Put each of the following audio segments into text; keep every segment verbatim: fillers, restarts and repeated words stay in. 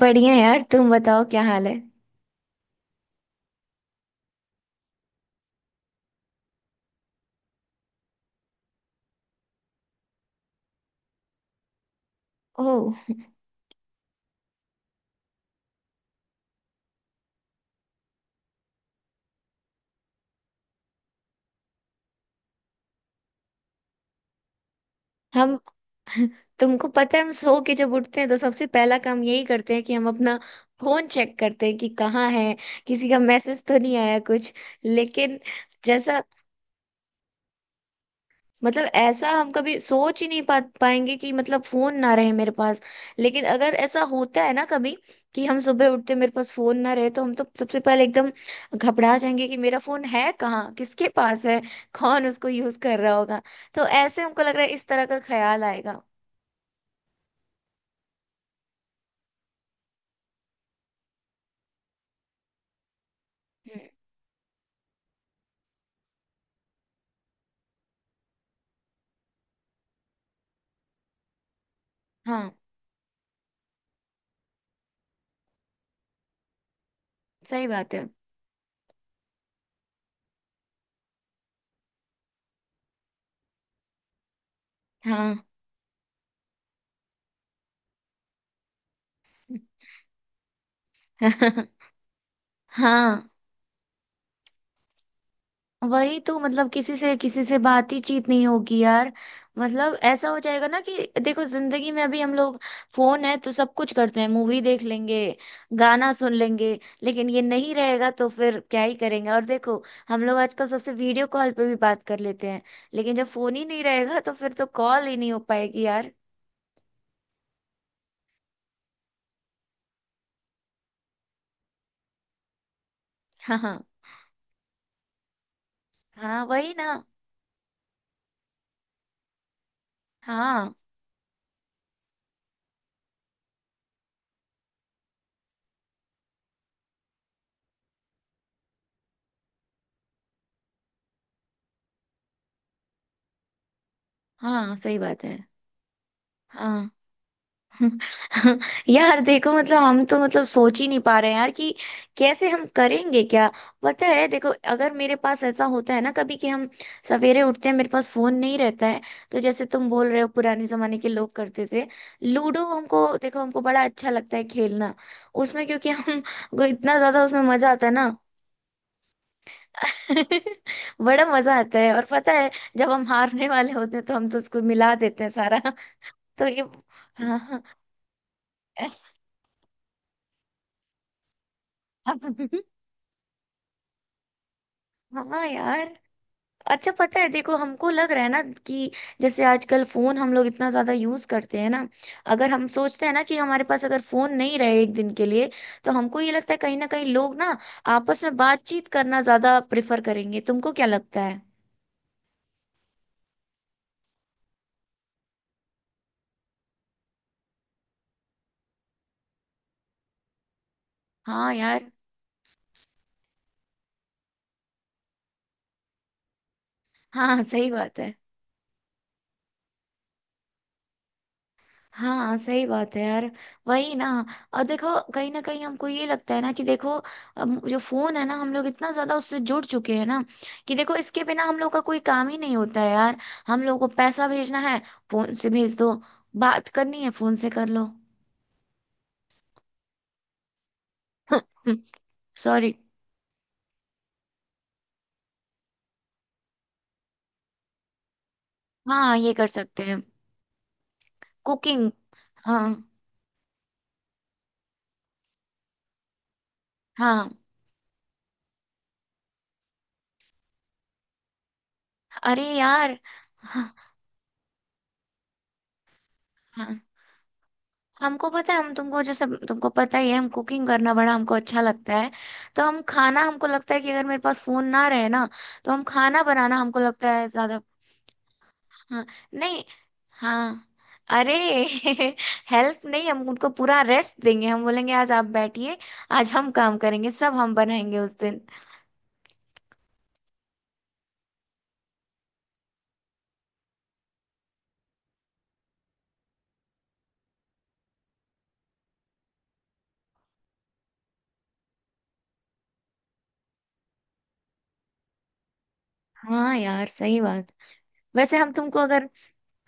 बढ़िया यार, तुम बताओ क्या हाल है। ओह। हम। तुमको पता है, हम सो के जब उठते हैं तो सबसे पहला काम यही करते हैं कि हम अपना फोन चेक करते हैं कि कहाँ है, किसी का मैसेज तो नहीं आया कुछ। लेकिन जैसा मतलब ऐसा हम कभी सोच ही नहीं पा पाएंगे कि मतलब फोन ना रहे मेरे पास। लेकिन अगर ऐसा होता है ना कभी कि हम सुबह उठते मेरे पास फोन ना रहे, तो हम तो सबसे पहले एकदम घबरा जाएंगे कि मेरा फोन है कहाँ, किसके पास है, कौन उसको यूज कर रहा होगा। तो ऐसे हमको लग रहा है, इस तरह का ख्याल आएगा। हम्म। हाँ सही बात है। हाँ। हाँ। वही तो। मतलब किसी से किसी से बात ही चीत नहीं होगी यार। मतलब ऐसा हो जाएगा ना कि देखो, जिंदगी में अभी हम लोग फोन है तो सब कुछ करते हैं, मूवी देख लेंगे, गाना सुन लेंगे। लेकिन ये नहीं रहेगा तो फिर क्या ही करेंगे। और देखो, हम लोग आजकल सबसे वीडियो कॉल पे भी बात कर लेते हैं। लेकिन जब फोन ही नहीं रहेगा तो फिर तो कॉल ही नहीं हो पाएगी यार। हाँ, हाँ, हाँ। वही ना। हाँ, हाँ, सही बात है। हाँ। यार देखो, मतलब हम तो मतलब सोच ही नहीं पा रहे हैं यार कि कैसे हम करेंगे क्या। पता है, देखो अगर मेरे पास ऐसा होता है ना कभी कि हम सवेरे उठते हैं, मेरे पास फोन नहीं रहता है, तो जैसे तुम बोल रहे हो पुराने जमाने के लोग करते थे। लूडो हमको, देखो हमको बड़ा अच्छा लगता है खेलना। उसमें क्योंकि हम को इतना ज्यादा उसमें मजा आता है ना। बड़ा मजा आता है, और पता है जब हम हारने वाले होते हैं तो हम तो उसको मिला देते हैं सारा। तो ये हाँ, हाँ। हाँ यार। अच्छा पता है, देखो हमको लग रहा है ना कि जैसे आजकल फोन हम लोग इतना ज्यादा यूज करते हैं ना, अगर हम सोचते हैं ना कि हमारे पास अगर फोन नहीं रहे एक दिन के लिए, तो हमको ये लगता है कहीं ना कहीं लोग ना आपस में बातचीत करना ज्यादा प्रेफर करेंगे। तुमको क्या लगता है? हाँ यार। हाँ सही बात है। हाँ सही बात है यार। वही ना। और देखो, कहीं ना कहीं हमको ये लगता है ना कि देखो अब जो फोन है ना हम लोग इतना ज्यादा उससे जुड़ चुके हैं ना कि देखो इसके बिना हम लोग का कोई काम ही नहीं होता है यार। हम लोग को पैसा भेजना है, फोन से भेज दो। बात करनी है, फोन से कर लो। सॉरी। हाँ, ये कर सकते हैं। कुकिंग। हाँ। हाँ। अरे यार। हाँ। हाँ। हमको पता है, हम तुमको जैसे तुमको पता ही है हम कुकिंग करना बड़ा हमको अच्छा लगता है। तो हम खाना, हमको लगता है कि अगर मेरे पास फोन ना रहे ना, तो हम खाना बनाना हमको लगता है ज्यादा। हाँ। नहीं। हाँ। अरे। हेल्प नहीं, हम उनको पूरा रेस्ट देंगे, हम बोलेंगे आज आप बैठिए, आज हम काम करेंगे, सब हम बनाएंगे उस दिन। हाँ यार सही बात। वैसे हम तुमको अगर,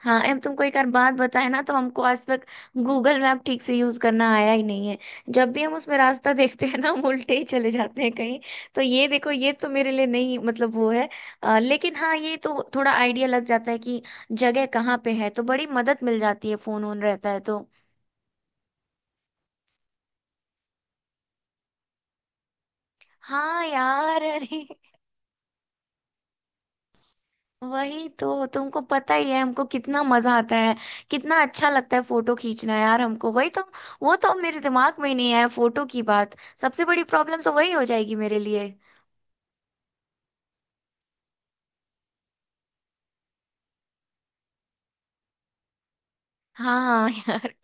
हाँ अब तुमको एक और बात बताए ना, तो हमको आज तक गूगल मैप ठीक से यूज करना आया ही नहीं है। जब भी हम उसमें रास्ता देखते हैं ना, हम उल्टे ही चले जाते हैं कहीं। तो ये देखो, ये तो मेरे लिए नहीं, मतलब वो है। अ, लेकिन हाँ, ये तो थोड़ा आइडिया लग जाता है कि जगह कहाँ पे है, तो बड़ी मदद मिल जाती है फोन ऑन रहता है तो। हाँ यार, अरे। वही तो तुमको पता ही है हमको कितना मजा आता है, कितना अच्छा लगता है फोटो खींचना यार हमको। वही तो। वो तो मेरे दिमाग में ही नहीं आया फोटो की बात। सबसे बड़ी प्रॉब्लम तो वही हो जाएगी मेरे लिए। हाँ, हाँ, यार।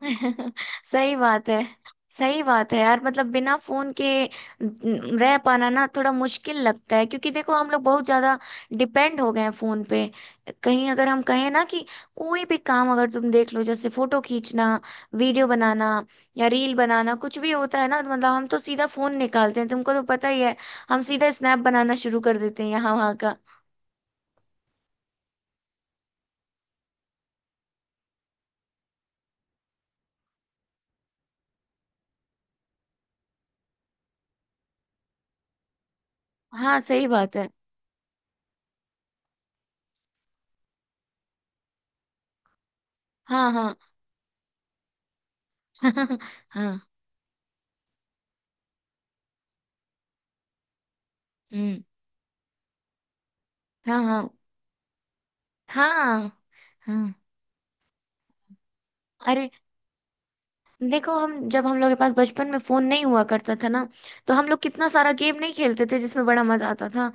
सही बात है। सही बात है यार, मतलब बिना फोन के न- रह पाना ना थोड़ा मुश्किल लगता है, क्योंकि देखो हम लोग बहुत ज्यादा डिपेंड हो गए हैं फोन पे। कहीं अगर हम कहें ना कि कोई भी काम, अगर तुम देख लो जैसे फोटो खींचना, वीडियो बनाना, या रील बनाना, कुछ भी होता है ना तो मतलब हम तो सीधा फोन निकालते हैं, तुमको तो पता ही है। हम सीधा स्नैप बनाना शुरू कर देते हैं यहाँ वहाँ का। हाँ सही बात है। हाँ, हाँ। हाँ। हम्म। हाँ, हाँ। हाँ, हाँ। अरे देखो, हम जब हम लोग के पास बचपन में फोन नहीं हुआ करता था ना, तो हम लोग कितना सारा गेम नहीं खेलते थे जिसमें बड़ा मजा आता था।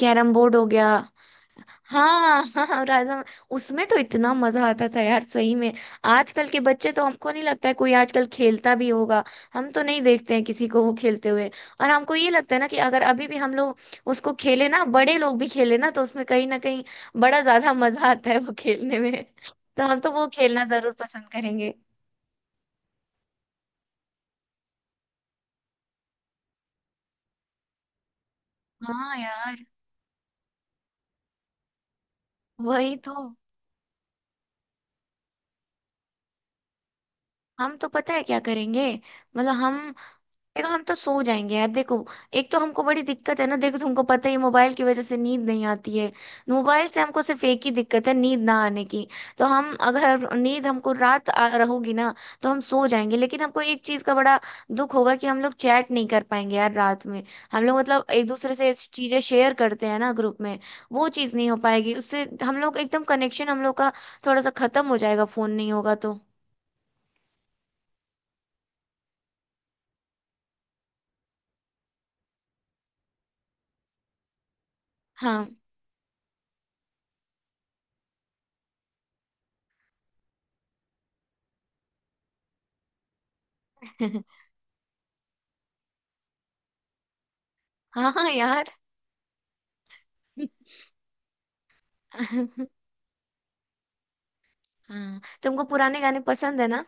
कैरम बोर्ड हो गया। हाँ। हाँ राजा। उसमें तो इतना मजा आता था यार सही में। आजकल के बच्चे तो हमको नहीं लगता है कोई आजकल खेलता भी होगा। हम तो नहीं देखते हैं किसी को वो खेलते हुए। और हमको ये लगता है ना कि अगर अभी भी हम लोग उसको खेले ना, बड़े लोग भी खेले ना, तो उसमें कहीं ना कहीं बड़ा ज्यादा मजा आता है वो खेलने में। तो हम तो वो खेलना जरूर पसंद करेंगे। हाँ यार। वही तो। हम तो पता है क्या करेंगे, मतलब हम। देखो हम तो सो जाएंगे यार। देखो, एक तो हमको बड़ी दिक्कत है ना, देखो तुमको पता ही है, मोबाइल की वजह से नींद नहीं आती है। मोबाइल से हमको सिर्फ एक ही दिक्कत है, नींद ना आने की। तो हम अगर नींद हमको रात आ रहोगी ना, तो हम सो जाएंगे। लेकिन हमको एक चीज का बड़ा दुख होगा कि हम लोग चैट नहीं कर पाएंगे यार रात में। हम लोग मतलब एक दूसरे से चीजें शेयर करते हैं ना ग्रुप में, वो चीज नहीं हो पाएगी, उससे हम लोग एकदम कनेक्शन हम लोग का थोड़ा सा खत्म हो जाएगा फोन नहीं होगा तो। हाँ। हाँ, हाँ यार। हाँ, तुमको पुराने गाने पसंद है ना?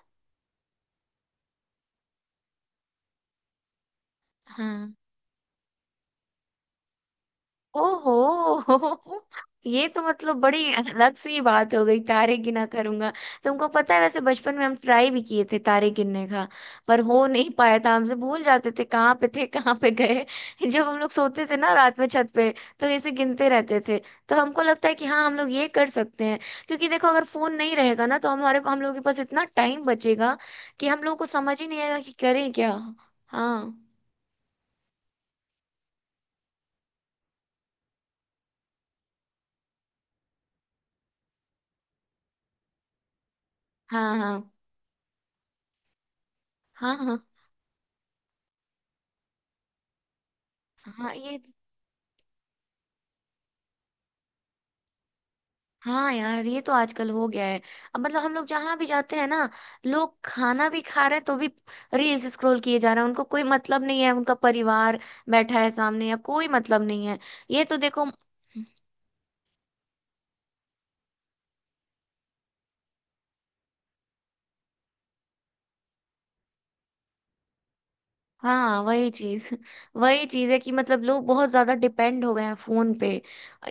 हाँ। ओहो। ये तो मतलब बड़ी अलग सी बात हो गई, तारे गिना करूंगा। तुमको पता है, वैसे बचपन में हम ट्राई भी किए थे तारे गिनने का। पर हो नहीं पाया था, हमसे भूल जाते थे कहाँ पे थे कहाँ पे गए। जब हम लोग सोते थे ना रात में छत पे, तो ऐसे गिनते रहते थे। तो हमको लगता है कि हाँ, हम लोग ये कर सकते हैं। क्योंकि देखो अगर फोन नहीं रहेगा ना, तो हमारे हम लोग के पास इतना टाइम बचेगा कि हम लोग को समझ ही नहीं आएगा कि करें क्या। हाँ। हाँ, हाँ। हाँ, हाँ, हाँ। ये। हाँ यार, ये तो आजकल हो गया है। अब मतलब हम लोग जहां भी जाते हैं ना, लोग खाना भी खा रहे हैं तो भी रील्स स्क्रॉल किए जा रहे हैं, उनको कोई मतलब नहीं है, उनका परिवार बैठा है सामने, या कोई मतलब नहीं है। ये तो देखो। हाँ। वही चीज। वही चीज है कि मतलब लोग बहुत ज्यादा डिपेंड हो गए हैं फोन पे।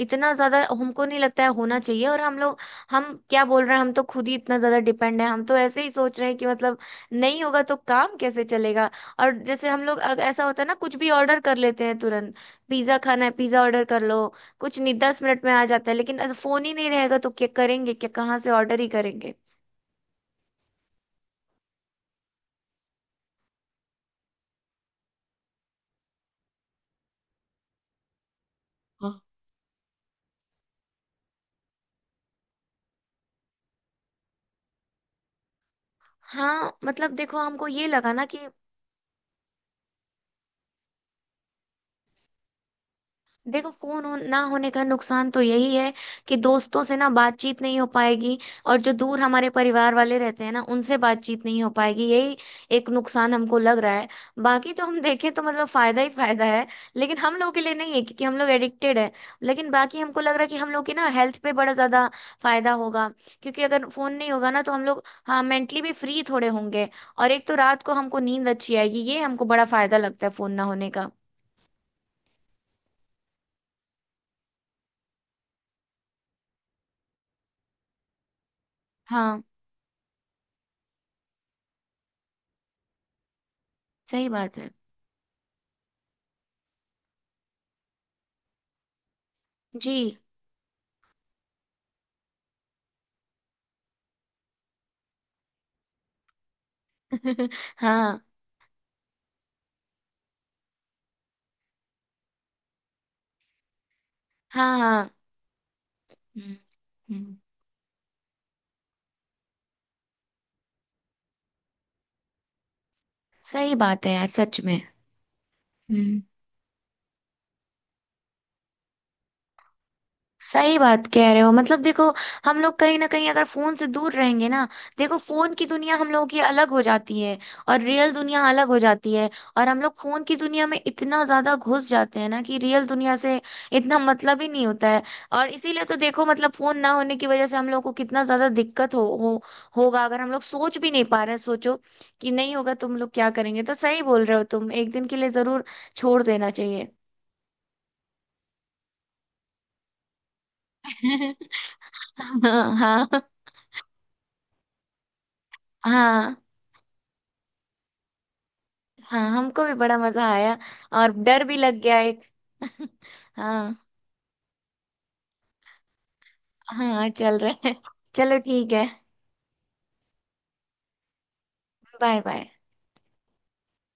इतना ज्यादा हमको नहीं लगता है होना चाहिए। और हम लोग, हम क्या बोल रहे हैं, हम तो खुद ही इतना ज्यादा डिपेंड है, हम तो ऐसे ही सोच रहे हैं कि मतलब नहीं होगा तो काम कैसे चलेगा। और जैसे हम लोग अग- ऐसा होता है ना, कुछ भी ऑर्डर कर लेते हैं तुरंत। पिज्जा खाना है, पिज्जा ऑर्डर कर लो। कुछ नहीं, दस मिनट में आ जाता है। लेकिन ऐसा फोन ही नहीं रहेगा तो क्या करेंगे, क्या, कहाँ से ऑर्डर ही करेंगे। हाँ, हाँ। मतलब देखो हमको ये लगा ना कि देखो फोन हो, ना होने का नुकसान तो यही है कि दोस्तों से ना बातचीत नहीं हो पाएगी, और जो दूर हमारे परिवार वाले रहते हैं ना उनसे बातचीत नहीं हो पाएगी, यही एक नुकसान हमको लग रहा है। बाकी तो हम देखें तो मतलब फायदा ही फायदा है। लेकिन हम लोगों के लिए नहीं है, क्योंकि हम लोग एडिक्टेड है। लेकिन बाकी हमको लग रहा है कि हम लोग की ना हेल्थ पे बड़ा ज्यादा फायदा होगा। क्योंकि अगर फोन नहीं होगा ना, तो हम लोग हाँ मेंटली भी फ्री थोड़े होंगे। और एक तो रात को हमको नींद अच्छी आएगी, ये हमको बड़ा फायदा लगता है फोन ना होने का। हाँ सही बात है। जी। हाँ, हाँ, हाँ। हम्म, हम्म, सही बात है यार सच में। हम्म सही बात कह रहे हो, मतलब देखो हम लोग कहीं ना कहीं अगर फोन से दूर रहेंगे ना, देखो फोन की दुनिया हम लोगों की अलग हो जाती है, और रियल दुनिया अलग हो जाती है। और हम लोग फोन की दुनिया में इतना ज्यादा घुस जाते हैं ना कि रियल दुनिया से इतना मतलब ही नहीं होता है। और इसीलिए तो देखो मतलब फोन ना होने की वजह से हम लोग को कितना ज्यादा दिक्कत हो, हो होगा, अगर हम लोग सोच भी नहीं पा रहे हैं, सोचो कि नहीं होगा तुम लोग क्या करेंगे, तो सही बोल रहे हो तुम, एक दिन के लिए जरूर छोड़ देना चाहिए। हाँ, हाँ, हाँ। हाँ, हमको भी बड़ा मजा आया, और डर भी लग गया एक। हाँ, हाँ, चल रहा है। चलो ठीक है। Bye bye.